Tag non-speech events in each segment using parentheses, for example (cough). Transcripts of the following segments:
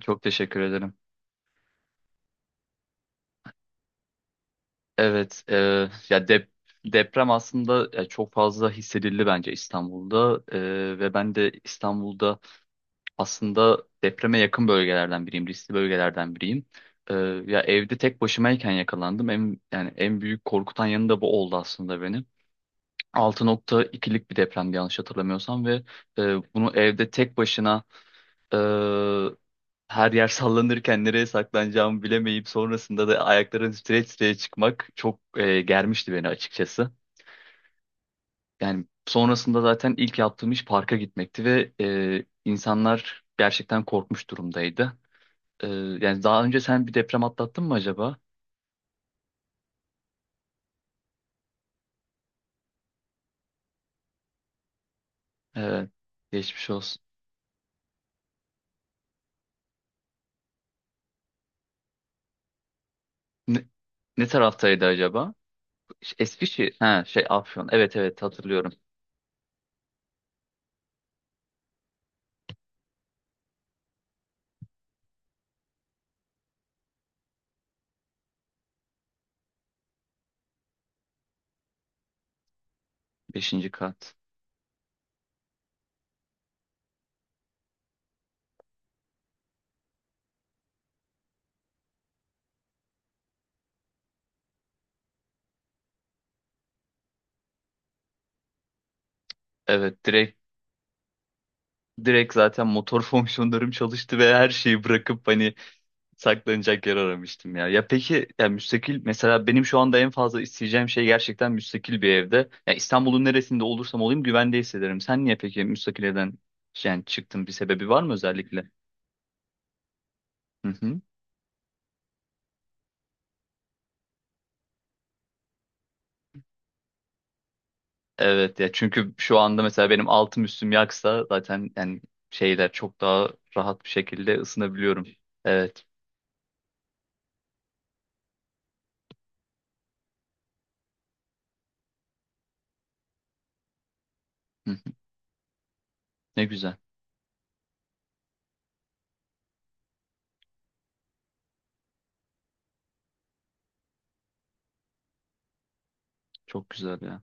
Çok teşekkür ederim. Evet, e, ya dep deprem aslında çok fazla hissedildi bence İstanbul'da. Ve ben de İstanbul'da aslında depreme yakın bölgelerden biriyim, riskli bölgelerden biriyim. E, Ya evde tek başımayken yakalandım. Yani en büyük korkutan yanı da bu oldu aslında benim. 6.2'lik bir depremdi yanlış hatırlamıyorsam, ve e, bunu evde tek başına, e, her yer sallanırken nereye saklanacağımı bilemeyip sonrasında da ayakların streç streç çıkmak çok germişti beni açıkçası. Yani sonrasında zaten ilk yaptığım iş parka gitmekti ve insanlar gerçekten korkmuş durumdaydı. E, Yani daha önce sen bir deprem atlattın mı acaba? E, Geçmiş olsun. Ne, ne taraftaydı acaba? Eskişehir. Ha, şey Afyon. Evet, evet, hatırlıyorum. Beşinci kat. Evet, direkt zaten motor (laughs) fonksiyonlarım çalıştı ve her şeyi bırakıp hani saklanacak yer aramıştım ya. Ya peki ya müstakil, mesela benim şu anda en fazla isteyeceğim şey gerçekten müstakil bir evde. Ya İstanbul'un neresinde olursam olayım güvende hissederim. Sen niye peki müstakil evden yani çıktın, bir sebebi var mı özellikle? Hı hı. Evet ya, çünkü şu anda mesela benim altım üstüm yaksa zaten yani şeyler çok daha rahat bir şekilde ısınabiliyorum. Evet. Hı. Ne güzel. Çok güzel ya.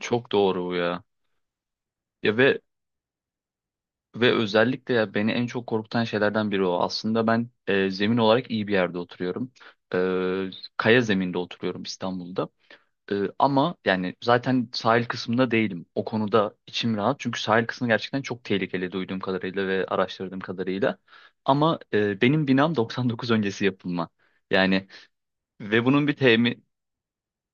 Çok doğru bu ya. Ve ve özellikle ya beni en çok korkutan şeylerden biri o. Aslında ben zemin olarak iyi bir yerde oturuyorum. E, Kaya zeminde oturuyorum İstanbul'da. Ama yani zaten sahil kısmında değilim. O konuda içim rahat. Çünkü sahil kısmı gerçekten çok tehlikeli duyduğum kadarıyla ve araştırdığım kadarıyla. Ama benim binam (laughs) 99 öncesi yapılma. Yani ve bunun bir temi,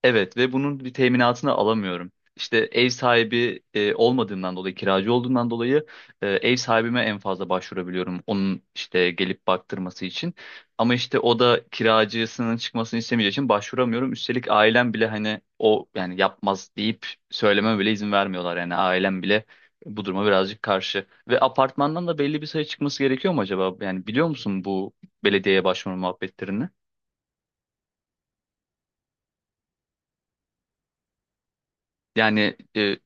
Evet, ve bunun bir teminatını alamıyorum. İşte ev sahibi olmadığımdan dolayı, kiracı olduğumdan dolayı, ev sahibime en fazla başvurabiliyorum. Onun işte gelip baktırması için. Ama işte o da kiracısının çıkmasını istemeyeceği için başvuramıyorum. Üstelik ailem bile hani o yani yapmaz deyip söyleme bile izin vermiyorlar. Yani ailem bile bu duruma birazcık karşı. Ve apartmandan da belli bir sayı çıkması gerekiyor mu acaba? Yani biliyor musun bu belediyeye başvurma muhabbetlerini? Yani e,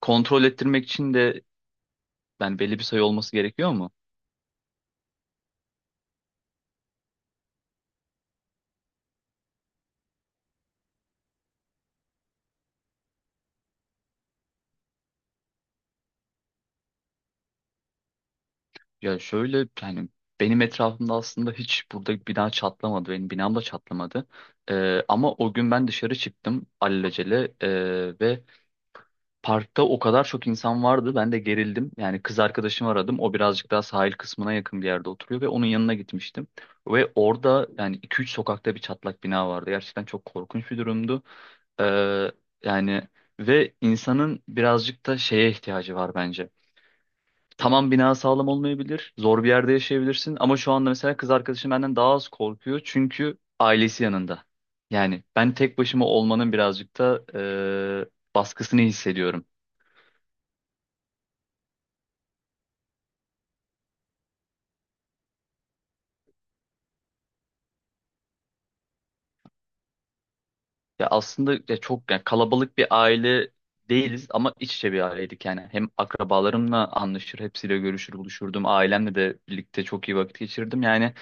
Kontrol ettirmek için de yani belli bir sayı olması gerekiyor mu? Ya şöyle yani, benim etrafımda aslında hiç burada bina çatlamadı. Benim binam da çatlamadı. Ama o gün ben dışarı çıktım alelacele, ve parkta o kadar çok insan vardı. Ben de gerildim. Yani kız arkadaşımı aradım. O birazcık daha sahil kısmına yakın bir yerde oturuyor ve onun yanına gitmiştim. Ve orada yani iki üç sokakta bir çatlak bina vardı. Gerçekten çok korkunç bir durumdu. Ee, yani ve insanın birazcık da şeye ihtiyacı var bence. Tamam, bina sağlam olmayabilir. Zor bir yerde yaşayabilirsin. Ama şu anda mesela kız arkadaşım benden daha az korkuyor. Çünkü ailesi yanında. Yani ben tek başıma olmanın birazcık da baskısını hissediyorum. Ya aslında ya çok yani kalabalık bir aile değiliz, ama iç içe bir aileydik yani. Hem akrabalarımla anlaşır, hepsiyle görüşür, buluşurdum. Ailemle de birlikte çok iyi vakit geçirdim. Yani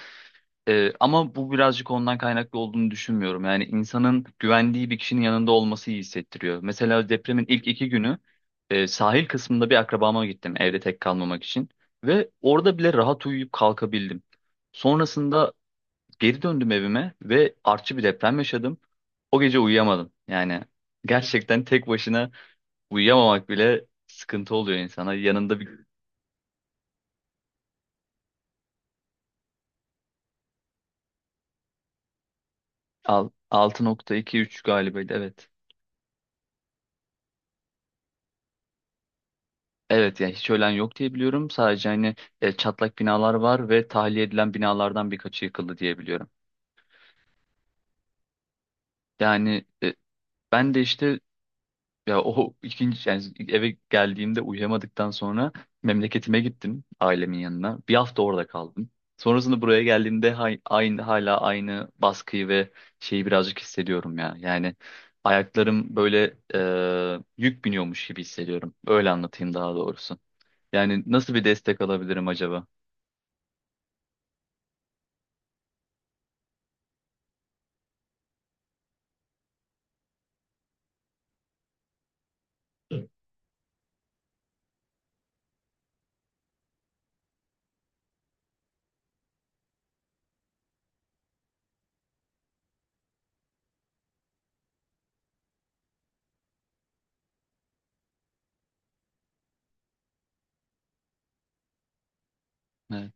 Ama bu birazcık ondan kaynaklı olduğunu düşünmüyorum. Yani insanın güvendiği bir kişinin yanında olması iyi hissettiriyor. Mesela depremin ilk iki günü sahil kısmında bir akrabama gittim evde tek kalmamak için. Ve orada bile rahat uyuyup kalkabildim. Sonrasında geri döndüm evime ve artçı bir deprem yaşadım. O gece uyuyamadım. Yani gerçekten tek başına uyuyamamak bile sıkıntı oluyor insana. Yanında bir altı nokta iki üç galiba, evet. Evet yani hiç ölen yok diye biliyorum. Sadece hani çatlak binalar var ve tahliye edilen binalardan birkaçı yıkıldı diye biliyorum. Yani e, Ben de işte, ya o (laughs) ikinci yani eve geldiğimde uyuyamadıktan sonra memleketime gittim ailemin yanına. Bir hafta orada kaldım. Sonrasında buraya geldiğimde hay- aynı hala aynı baskıyı ve şeyi birazcık hissediyorum ya. Yani ayaklarım böyle yük biniyormuş gibi hissediyorum. Öyle anlatayım daha doğrusu. Yani nasıl bir destek alabilirim acaba? Evet.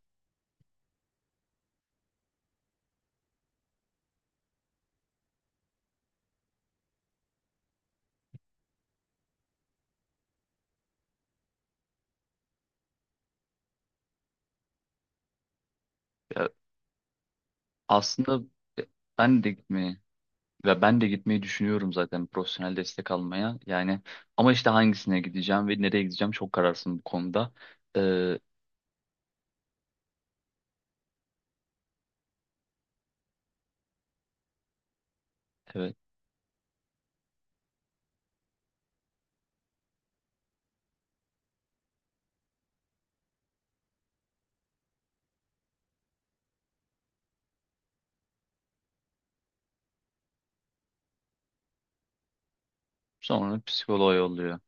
Aslında e, ben de gitmeyi ben de gitmeyi düşünüyorum zaten profesyonel destek almaya. Yani ama işte hangisine gideceğim ve nereye gideceğim çok kararsın bu konuda. Ee, evet. Sonra psikoloğa yolluyor.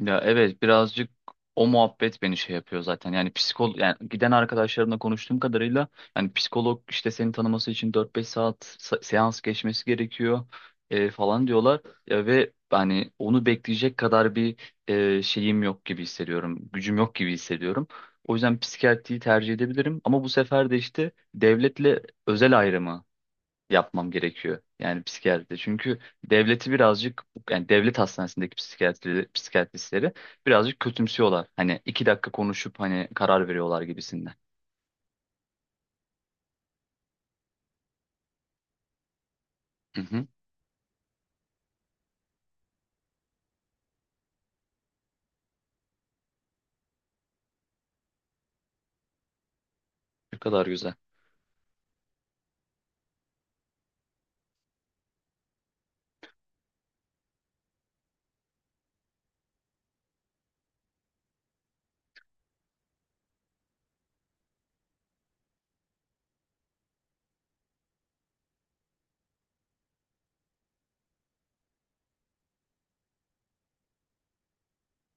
Ya evet, birazcık o muhabbet beni şey yapıyor zaten. Yani psikolog, yani giden arkadaşlarımla konuştuğum kadarıyla yani psikolog işte seni tanıması için dört beş saat sa- seans geçmesi gerekiyor falan diyorlar. Ya, ve hani onu bekleyecek kadar bir şeyim yok gibi hissediyorum. Gücüm yok gibi hissediyorum. O yüzden psikiyatriyi tercih edebilirim, ama bu sefer de işte devletle özel ayrımı yapmam gerekiyor. Yani psikiyatride. Çünkü devleti birazcık, yani devlet hastanesindeki psikiyatristleri birazcık kötümsüyorlar. Hani iki dakika konuşup hani karar veriyorlar gibisinden. Hı hı. Ne kadar güzel.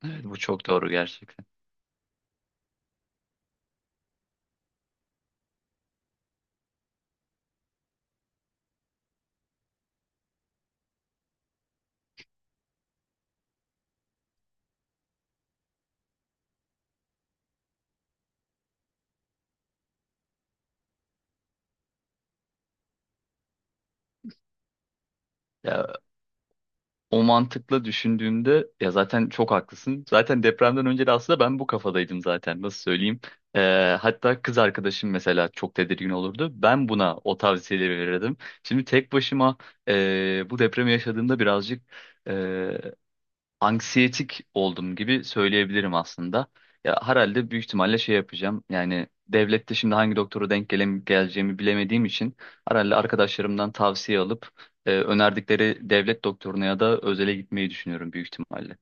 Evet, bu çok doğru gerçekten. Ya O mantıkla düşündüğümde ya zaten çok haklısın. Zaten depremden önce de aslında ben bu kafadaydım zaten. Nasıl söyleyeyim? Hatta kız arkadaşım mesela çok tedirgin olurdu. Ben buna o tavsiyeleri verirdim. Şimdi tek başıma, bu depremi yaşadığımda birazcık anksiyetik oldum gibi söyleyebilirim aslında. Ya herhalde büyük ihtimalle şey yapacağım. Yani devlette şimdi hangi doktora denk gelem geleceğimi bilemediğim için herhalde arkadaşlarımdan tavsiye alıp önerdikleri devlet doktoruna ya da özele gitmeyi düşünüyorum büyük ihtimalle.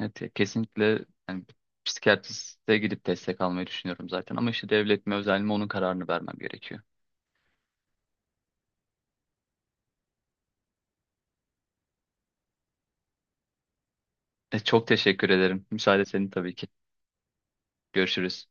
Evet, ya kesinlikle yani psikiyatriste gidip destek almayı düşünüyorum zaten, ama işte devlet mi özel mi onun kararını vermem gerekiyor. Çok teşekkür ederim. Müsaade senin tabii ki. Görüşürüz.